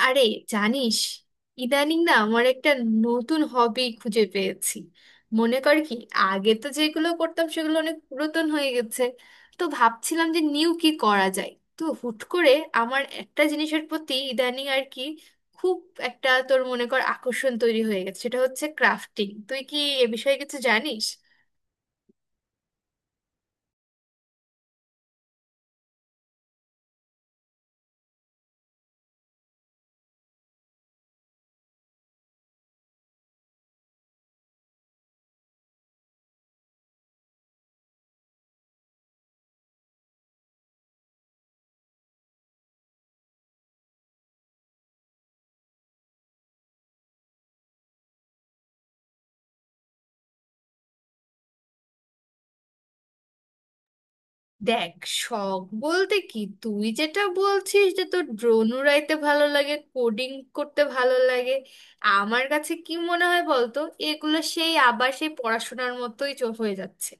আরে, জানিস, ইদানিং না আমার একটা নতুন হবি খুঁজে পেয়েছি। মনে কর কি, আগে তো যেগুলো করতাম সেগুলো অনেক পুরাতন হয়ে গেছে। তো ভাবছিলাম যে নিউ কি করা যায়। তো হুট করে আমার একটা জিনিসের প্রতি ইদানিং আর কি খুব একটা তোর মনে কর আকর্ষণ তৈরি হয়ে গেছে, সেটা হচ্ছে ক্রাফটিং। তুই কি এ বিষয়ে কিছু জানিস? দেখ, শখ বলতে কি, তুই যেটা বলছিস যে তোর ড্রোন উড়াইতে ভালো লাগে, কোডিং করতে ভালো লাগে, আমার কাছে কি মনে হয় বলতো, এগুলো সেই আবার সেই পড়াশোনার মতোই হয়ে যাচ্ছে।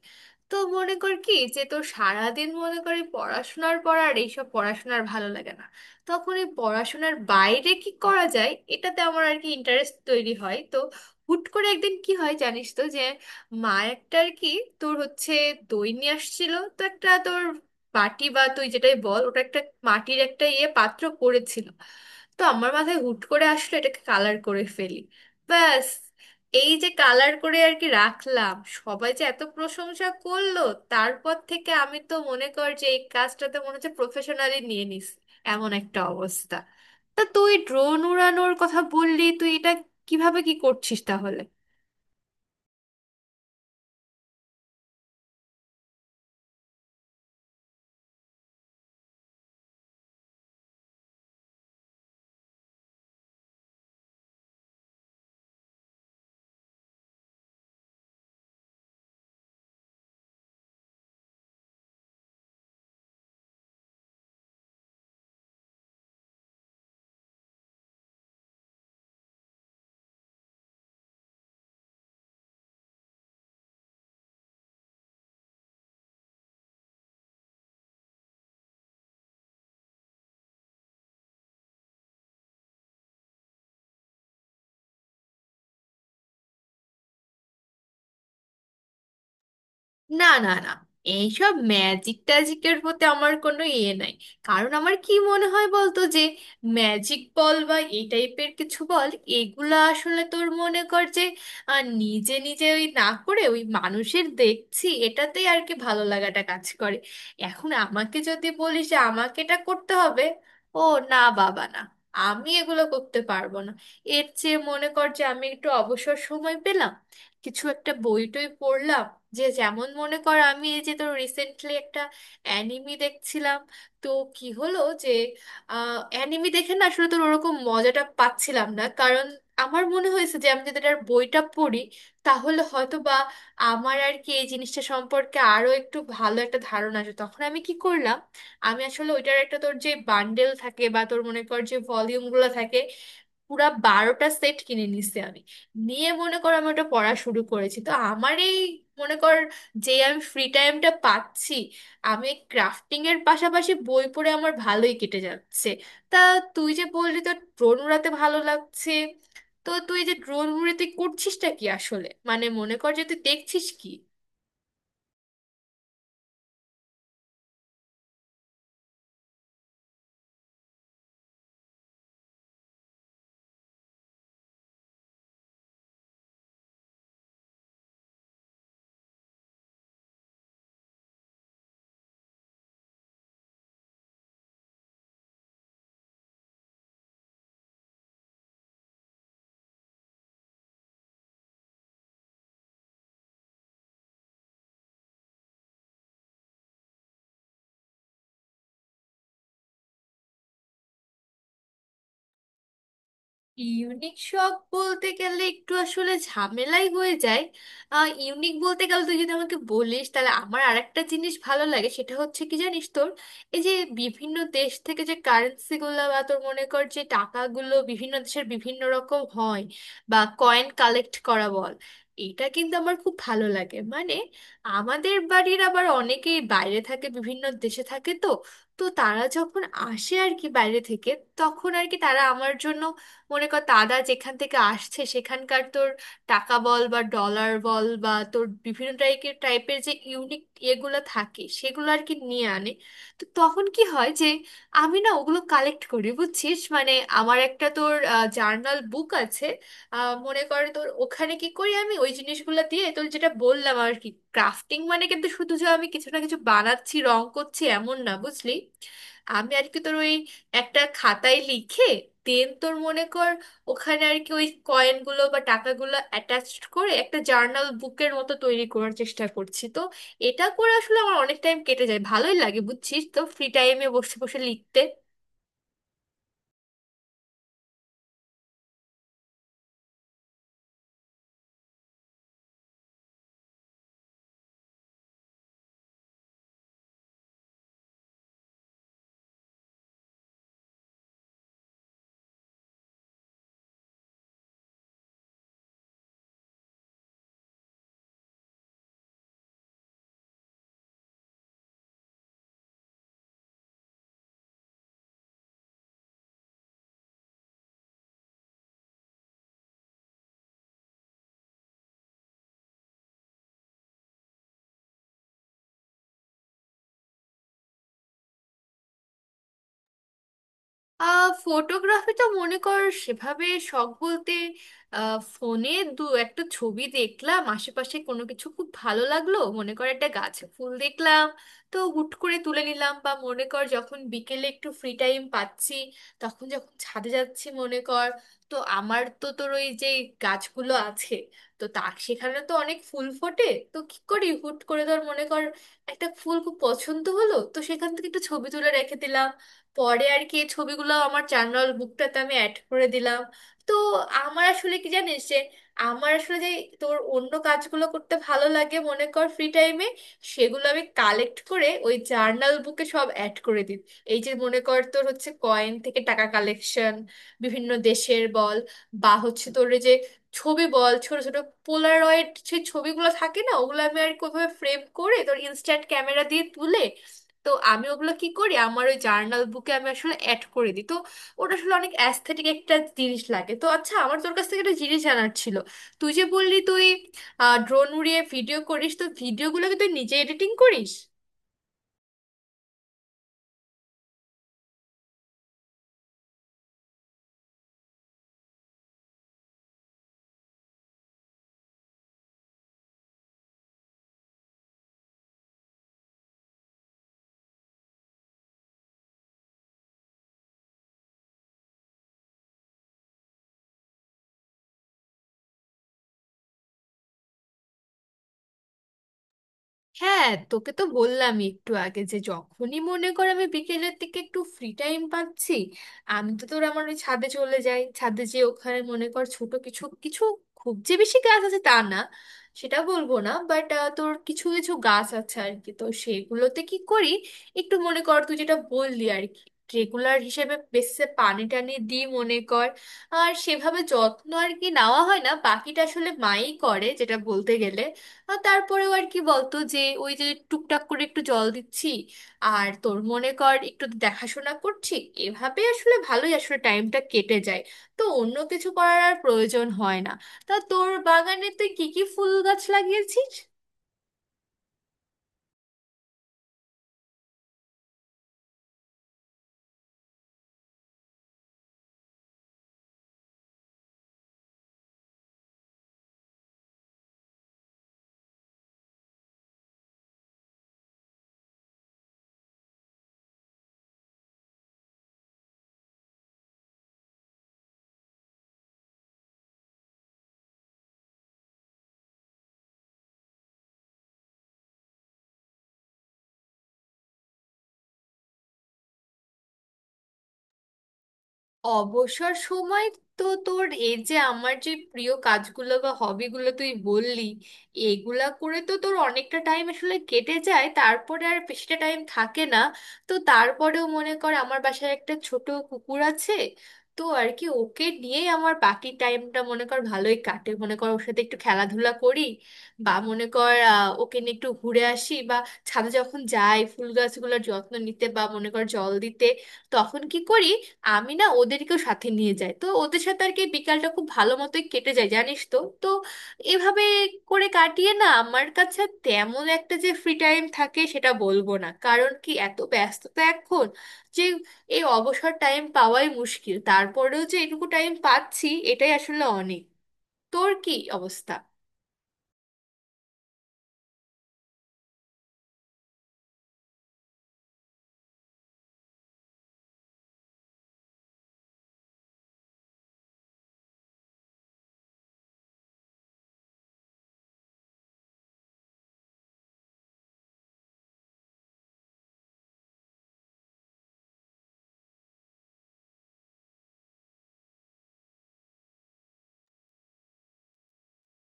তো মনে কর কি, যে তোর সারাদিন মনে করি পড়াশোনার পর আর এইসব পড়াশোনার ভালো লাগে না, তখন এই পড়াশোনার বাইরে কি করা যায় এটাতে আমার আর কি ইন্টারেস্ট তৈরি হয়। তো হুট করে একদিন কি হয় জানিস তো, যে মা একটা আর কি তোর হচ্ছে দই নিয়ে আসছিল তো একটা তোর বাটি, বা তুই যেটাই বল, ওটা একটা মাটির একটা ইয়ে পাত্র করেছিল। তো আমার মাথায় হুট করে আসলো এটাকে কালার করে ফেলি। ব্যাস, এই যে কালার করে আর কি রাখলাম, সবাই যে এত প্রশংসা করলো, তারপর থেকে আমি তো মনে কর যে এই কাজটাতে মনে হচ্ছে প্রফেশনালি নিয়ে নিস, এমন একটা অবস্থা। তা তুই ড্রোন উড়ানোর কথা বললি, তুই এটা কিভাবে কি করছিস তাহলে? না, না, না, এইসব ম্যাজিক ট্যাজিকের প্রতি আমার কোনো ইয়ে নাই। কারণ আমার কি মনে হয় বলতো, যে ম্যাজিক বল বা এই টাইপের কিছু বল, এগুলা আসলে তোর মনে কর যে নিজে নিজে ওই না করে ওই মানুষের দেখছি এটাতেই আর কি ভালো লাগাটা কাজ করে। এখন আমাকে যদি বলিস যে আমাকে এটা করতে হবে, ও, না বাবা না, আমি এগুলো করতে পারবো না। এর চেয়ে মনে কর যে আমি একটু অবসর সময় পেলাম, কিছু একটা বই টই পড়লাম। যে যেমন মনে কর, আমি এই যে তো রিসেন্টলি একটা অ্যানিমি দেখছিলাম, তো কি হলো যে অ্যানিমি দেখে না আসলে তোর ওরকম মজাটা পাচ্ছিলাম না, কারণ আমার মনে হয়েছে যে আমি যদি এটার বইটা পড়ি তাহলে হয়তো বা আমার আর কি এই জিনিসটা সম্পর্কে আরো একটু ভালো একটা ধারণা আসে। তখন আমি কি করলাম, আমি আসলে ওইটার একটা তোর যে বান্ডেল থাকে বা তোর মনে কর যে ভলিউমগুলো থাকে, পুরা 12টা সেট কিনে নিছি আমি। নিয়ে মনে কর আমি ওটা পড়া শুরু করেছি। তো আমার এই মনে কর, যে আমি ফ্রি টাইমটা পাচ্ছি, আমি ক্রাফটিং এর পাশাপাশি বই পড়ে আমার ভালোই কেটে যাচ্ছে। তা তুই যে বললি তোর ড্রোন উড়াতে ভালো লাগছে, তো তুই যে ড্রোন উড়ে তুই করছিসটা কি আসলে, মানে মনে কর যে তুই দেখছিস কি? ইউনিক শখ বলতে গেলে একটু আসলে ঝামেলাই হয়ে যায়। ইউনিক বলতে গেলে তুই যদি আমাকে বলিস, তাহলে আমার আরেকটা জিনিস ভালো লাগে, সেটা হচ্ছে কি জানিস, তোর এই যে বিভিন্ন দেশ থেকে যে কারেন্সিগুলো, বা তোর মনে কর যে টাকাগুলো বিভিন্ন দেশের বিভিন্ন রকম হয়, বা কয়েন কালেক্ট করা বল, এটা কিন্তু আমার খুব ভালো লাগে। মানে আমাদের বাড়ির আবার অনেকেই বাইরে থাকে, বিভিন্ন দেশে থাকে। তো তো তারা যখন আসে আর কি বাইরে থেকে, তখন আর কি তারা আমার জন্য মনে কর তারা যেখান থেকে আসছে সেখানকার তোর টাকা বল বা ডলার বল বা তোর বিভিন্ন টাইপের টাইপের যে ইউনিক এগুলো থাকে, সেগুলো আর কি নিয়ে আনে। তো তখন কি হয়, যে আমি না ওগুলো কালেক্ট করি, বুঝছিস? মানে আমার একটা তোর জার্নাল বুক আছে, মনে কর তোর ওখানে কি করি আমি, ওই জিনিসগুলো দিয়ে তোর যেটা বললাম আর কি, ক্রাফটিং মানে কিন্তু শুধু যে আমি কিছু না কিছু বানাচ্ছি রং করছি এমন না, বুঝলি। আমি আর কি তোর ওই একটা খাতায় লিখে, দেন তোর মনে কর ওখানে আর কি ওই কয়েনগুলো বা টাকাগুলো অ্যাটাচড করে একটা জার্নাল বুকের মতো তৈরি করার চেষ্টা করছি। তো এটা করে আসলে আমার অনেক টাইম কেটে যায়, ভালোই লাগে বুঝছিস, তো ফ্রি টাইমে বসে বসে লিখতে। ফটোগ্রাফি তো মনে কর সেভাবে শখ বলতে, ফোনে দু একটা ছবি দেখলাম আশেপাশে কোনো কিছু খুব ভালো লাগলো, মনে কর একটা গাছে ফুল দেখলাম, তো হুট করে তুলে নিলাম। বা মনে কর যখন বিকেলে একটু ফ্রি টাইম পাচ্ছি, তখন যখন ছাদে যাচ্ছি মনে কর, তো আমার তো তোর ওই যে গাছগুলো আছে, তো তার সেখানে তো অনেক ফুল ফোটে, তো কি করি হুট করে ধর মনে কর একটা ফুল খুব পছন্দ হলো, তো সেখান থেকে একটু ছবি তুলে রেখে দিলাম। পরে আর কি এই ছবিগুলো আমার জার্নাল বুকটাতে আমি অ্যাড করে দিলাম। তো আমার আসলে কি জানিস, যে আমার আসলে যে তোর অন্য কাজগুলো করতে ভালো লাগে মনে কর ফ্রি টাইমে, সেগুলো আমি কালেক্ট করে ওই জার্নাল বুকে সব অ্যাড করে দিই। এই যে মনে কর তোর হচ্ছে কয়েন থেকে টাকা কালেকশন, বিভিন্ন দেশের বল, বা হচ্ছে তোর এই যে ছবি বল, ছোট ছোট পোলারয়েড সেই ছবিগুলো থাকে না, ওগুলো আমি আর কিভাবে ফ্রেম করে তোর ইনস্ট্যান্ট ক্যামেরা দিয়ে তুলে, তো আমি ওগুলো কি করি আমার ওই জার্নাল বুকে আমি আসলে অ্যাড করে দিই। তো ওটা আসলে অনেক অ্যাস্থেটিক একটা জিনিস লাগে। তো আচ্ছা, আমার তোর কাছ থেকে একটা জিনিস জানার ছিল, তুই যে বললি তুই ড্রোন উড়িয়ে ভিডিও করিস, তো ভিডিওগুলো কি তুই নিজে এডিটিং করিস? হ্যাঁ, তোকে তো বললাম একটু আগে যে যখনই মনে কর আমি বিকেলের দিকে একটু ফ্রি টাইম পাচ্ছি, আমি তো তোর আমার ওই ছাদে চলে যাই। ছাদে যে ওখানে মনে কর ছোট কিছু কিছু, খুব যে বেশি গাছ আছে তা না, সেটা বলবো না, বাট তোর কিছু কিছু গাছ আছে আর কি, তো সেগুলোতে কি করি একটু মনে কর তুই যেটা বললি আর কি, রেগুলার হিসেবে বেসে পানি টানি দিই মনে কর। আর সেভাবে যত্ন আর কি নেওয়া হয় না, বাকিটা আসলে মাই করে যেটা বলতে গেলে। আর তারপরেও আর কি বলতো যে ওই যে টুকটাক করে একটু জল দিচ্ছি, আর তোর মনে কর একটু দেখাশোনা করছি, এভাবে আসলে ভালোই আসলে টাইমটা কেটে যায়। তো অন্য কিছু করার আর প্রয়োজন হয় না। তা তোর বাগানে তুই কি কি ফুল গাছ লাগিয়েছিস? অবসর সময়, তো তোর এই যে আমার যে প্রিয় কাজগুলো বা হবিগুলো তুই বললি, এগুলা করে তো তোর অনেকটা টাইম আসলে কেটে যায়, তারপরে আর বেশিটা টাইম থাকে না। তো তারপরেও মনে কর আমার বাসায় একটা ছোট কুকুর আছে, তো আর কি ওকে নিয়েই আমার বাকি টাইমটা মনে কর ভালোই কাটে, মনে কর ওর সাথে একটু খেলাধুলা করি, বা মনে কর ওকে নিয়ে একটু ঘুরে আসি, বা ছাদে যখন যাই ফুল গাছগুলোর যত্ন নিতে বা মনে কর জল দিতে, তখন কি করি আমি না ওদেরকেও সাথে নিয়ে যাই। তো ওদের সাথে আর কি বিকালটা খুব ভালো মতোই কেটে যায় জানিস তো তো এভাবে করে কাটিয়ে না আমার কাছে তেমন একটা যে ফ্রি টাইম থাকে সেটা বলবো না, কারণ কি এত ব্যস্ততা এখন, যে এই অবসর টাইম পাওয়াই মুশকিল, তারপরেও যে এটুকু টাইম পাচ্ছি এটাই আসলে অনেক। তোর কি অবস্থা?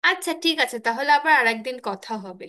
আচ্ছা ঠিক আছে, তাহলে আবার আরেকদিন কথা হবে।